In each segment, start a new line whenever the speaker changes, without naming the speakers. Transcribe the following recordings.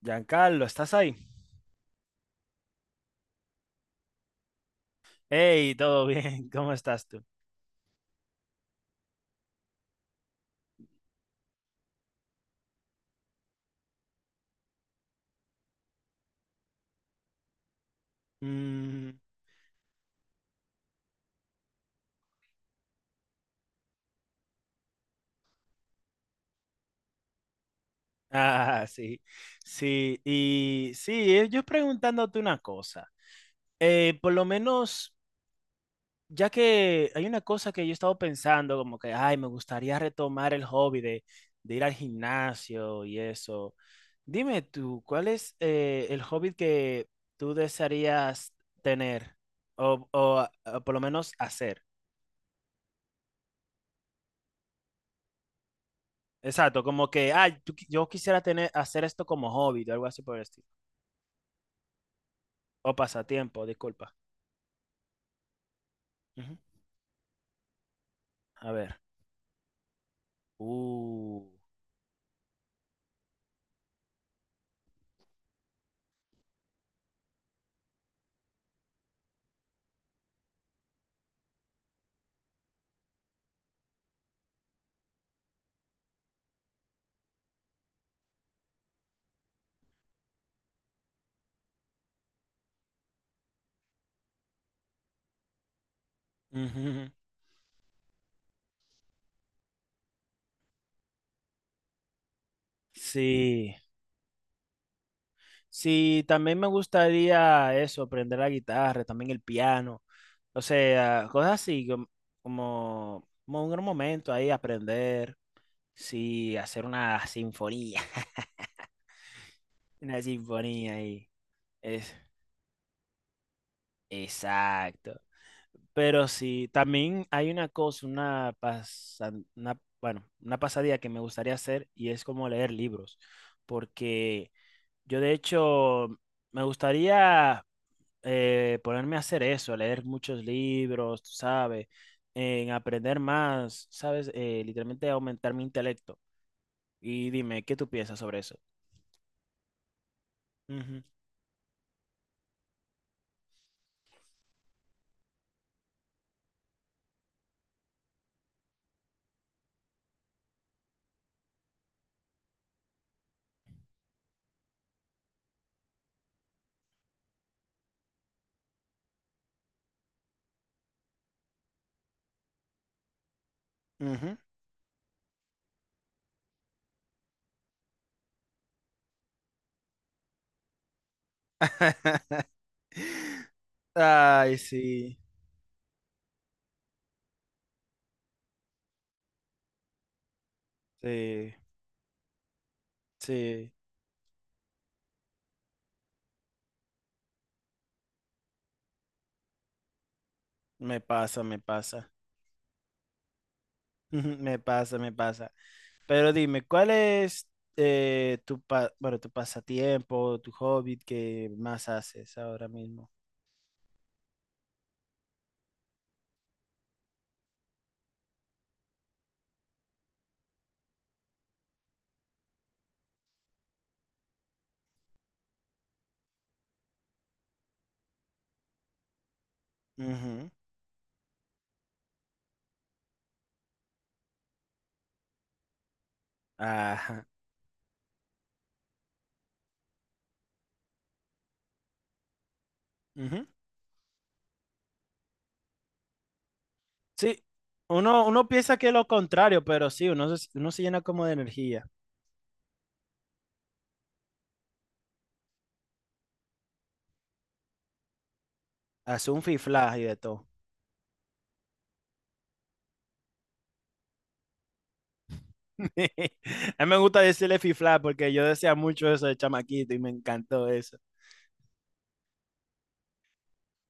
Giancarlo, ¿estás ahí? Hey, todo bien, ¿cómo estás tú? Mm, ah, sí, sí, y sí, yo preguntándote una cosa, por lo menos, ya que hay una cosa que yo he estado pensando, como que, ay, me gustaría retomar el hobby de ir al gimnasio y eso, dime tú, ¿cuál es el hobby que tú desearías tener o, por lo menos hacer? Exacto, como que, yo quisiera tener, hacer esto como hobby o algo así por el estilo. O pasatiempo, disculpa. Ujú. A ver. Uh. Ujú. Sí. Sí, también me gustaría eso, aprender la guitarra, también el piano. O sea, cosas así como un gran momento ahí, aprender. Sí, hacer una sinfonía. Una sinfonía ahí. Es, exacto. Pero sí, también hay una cosa, bueno, una pasadía que me gustaría hacer y es como leer libros, porque yo de hecho me gustaría ponerme a hacer eso, leer muchos libros, tú ¿sabes? En aprender más, ¿sabes? Literalmente aumentar mi intelecto. Y dime, ¿qué tú piensas sobre eso? Ujú, ujú. Ay, sí, sí, sí, me pasa, me pasa. Ujú, me pasa, me pasa. Pero dime, ¿cuál es bueno, tu pasatiempo, tu hobby que más haces ahora mismo? Ujú, ajá. Ujú. Sí, uno piensa que es lo contrario, pero sí, uno se llena como de energía. Hace un fifla y de todo. A mí me gusta decirle fifla porque yo decía mucho eso de chamaquito y me encantó eso.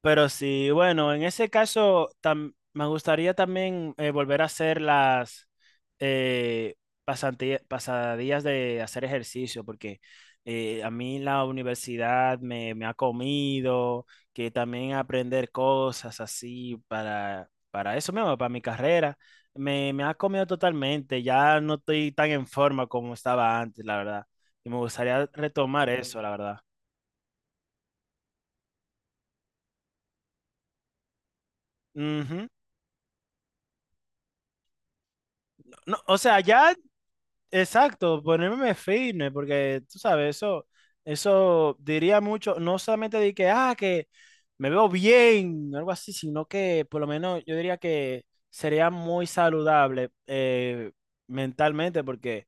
Pero sí, bueno, en ese caso me gustaría también volver a hacer las eh, pasadías de hacer ejercicio, porque a mí la universidad me ha comido, que también aprender cosas así para eso mismo, para mi carrera, me ha comido totalmente, ya no estoy tan en forma como estaba antes, la verdad. Y me gustaría retomar eso, la verdad. Ujú. No, o sea, ya. Exacto, ponerme firme, porque tú sabes, eso diría mucho, no solamente de que, que me veo bien, algo así, sino que por lo menos yo diría que sería muy saludable mentalmente, porque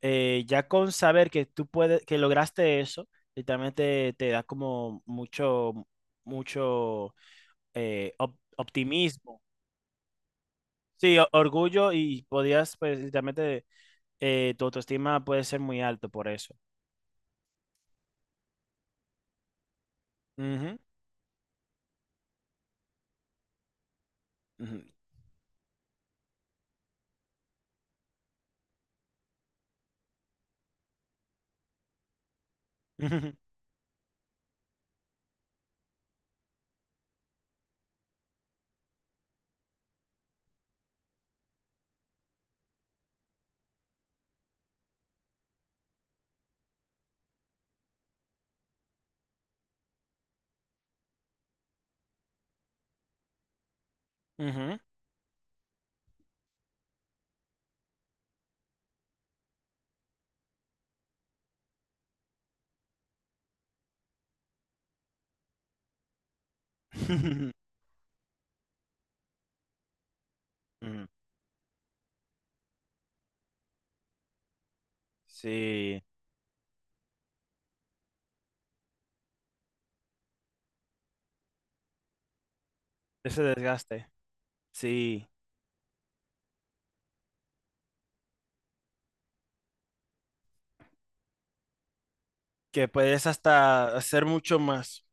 ya con saber que tú puedes, que lograste eso, literalmente te da como mucho, mucho optimismo. Sí, orgullo y podías, pues, literalmente tu autoestima puede ser muy alto por eso. Ujú, ujú, ujú, ujú, ujú. Sí, ese desgaste. Sí, que puedes hasta hacer mucho más.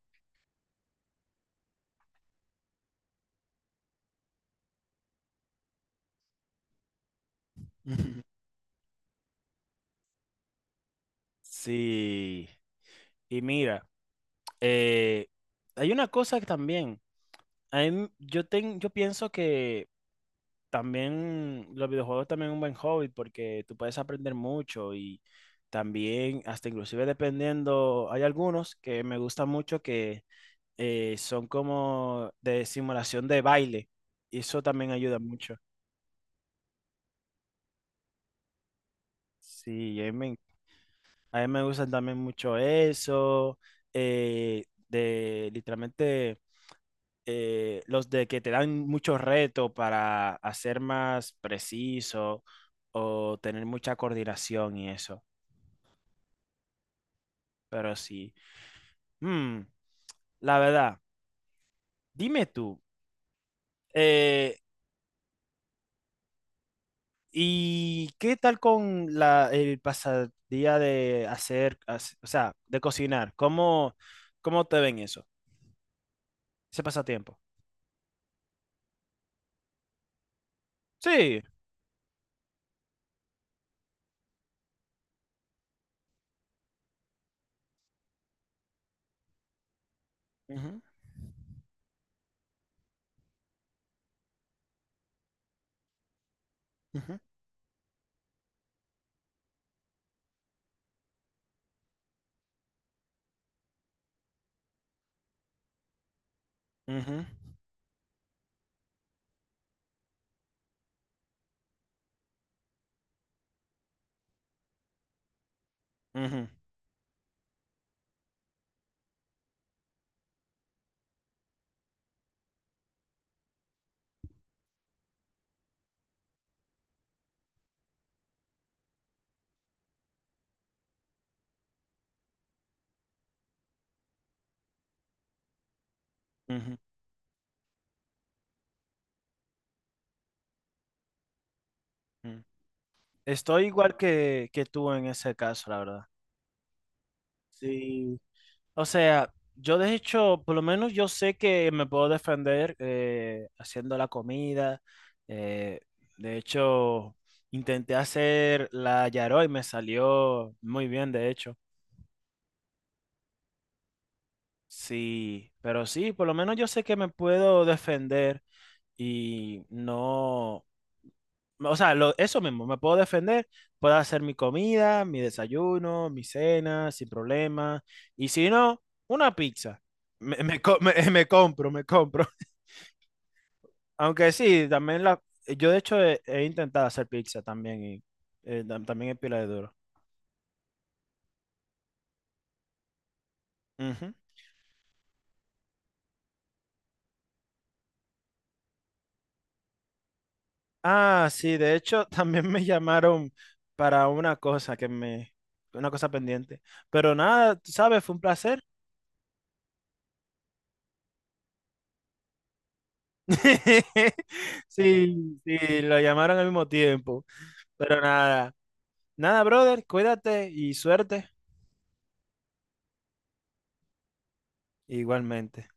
Ujú. Sí, y mira, eh, hay una cosa que también, a mí- yo, ten- yo pienso que también los videojuegos también es un buen hobby porque tú puedes aprender mucho y también, hasta inclusive dependiendo, hay algunos que me gustan mucho que son como de simulación de baile. Y eso también ayuda mucho. Sí, a mí me gustan también mucho eso, de literalmente los de que te dan muchos retos para hacer más preciso o tener mucha coordinación y eso. Pero sí, Mm, la verdad, dime tú, eh, ¿y qué tal con el pasadía de hacer, o sea, de cocinar? ¿Cómo te ven eso? Ese pasatiempo. Sí. Ujú, ujú, ujú, ujú, ujú, ujú. Estoy igual que tú en ese caso, la verdad. Sí, o sea, yo de hecho, por lo menos yo sé que me puedo defender haciendo la comida. eh, de hecho, intenté hacer la yaró y me salió muy bien, de hecho. Sí, pero sí, por lo menos yo sé que me puedo defender y no, o sea, eso mismo, me puedo defender, puedo hacer mi comida, mi desayuno, mi cena, sin problema. Y si no, una pizza. Me compro, me compro. Aunque sí, también yo de hecho he intentado hacer pizza también y también es pila de duro. Ujú. Ah, sí, de hecho, también me llamaron para una cosa una cosa pendiente. Pero nada, tú sabes, fue un placer. Sí, sí, lo llamaron al mismo tiempo. Pero nada, nada, brother, cuídate y suerte igualmente.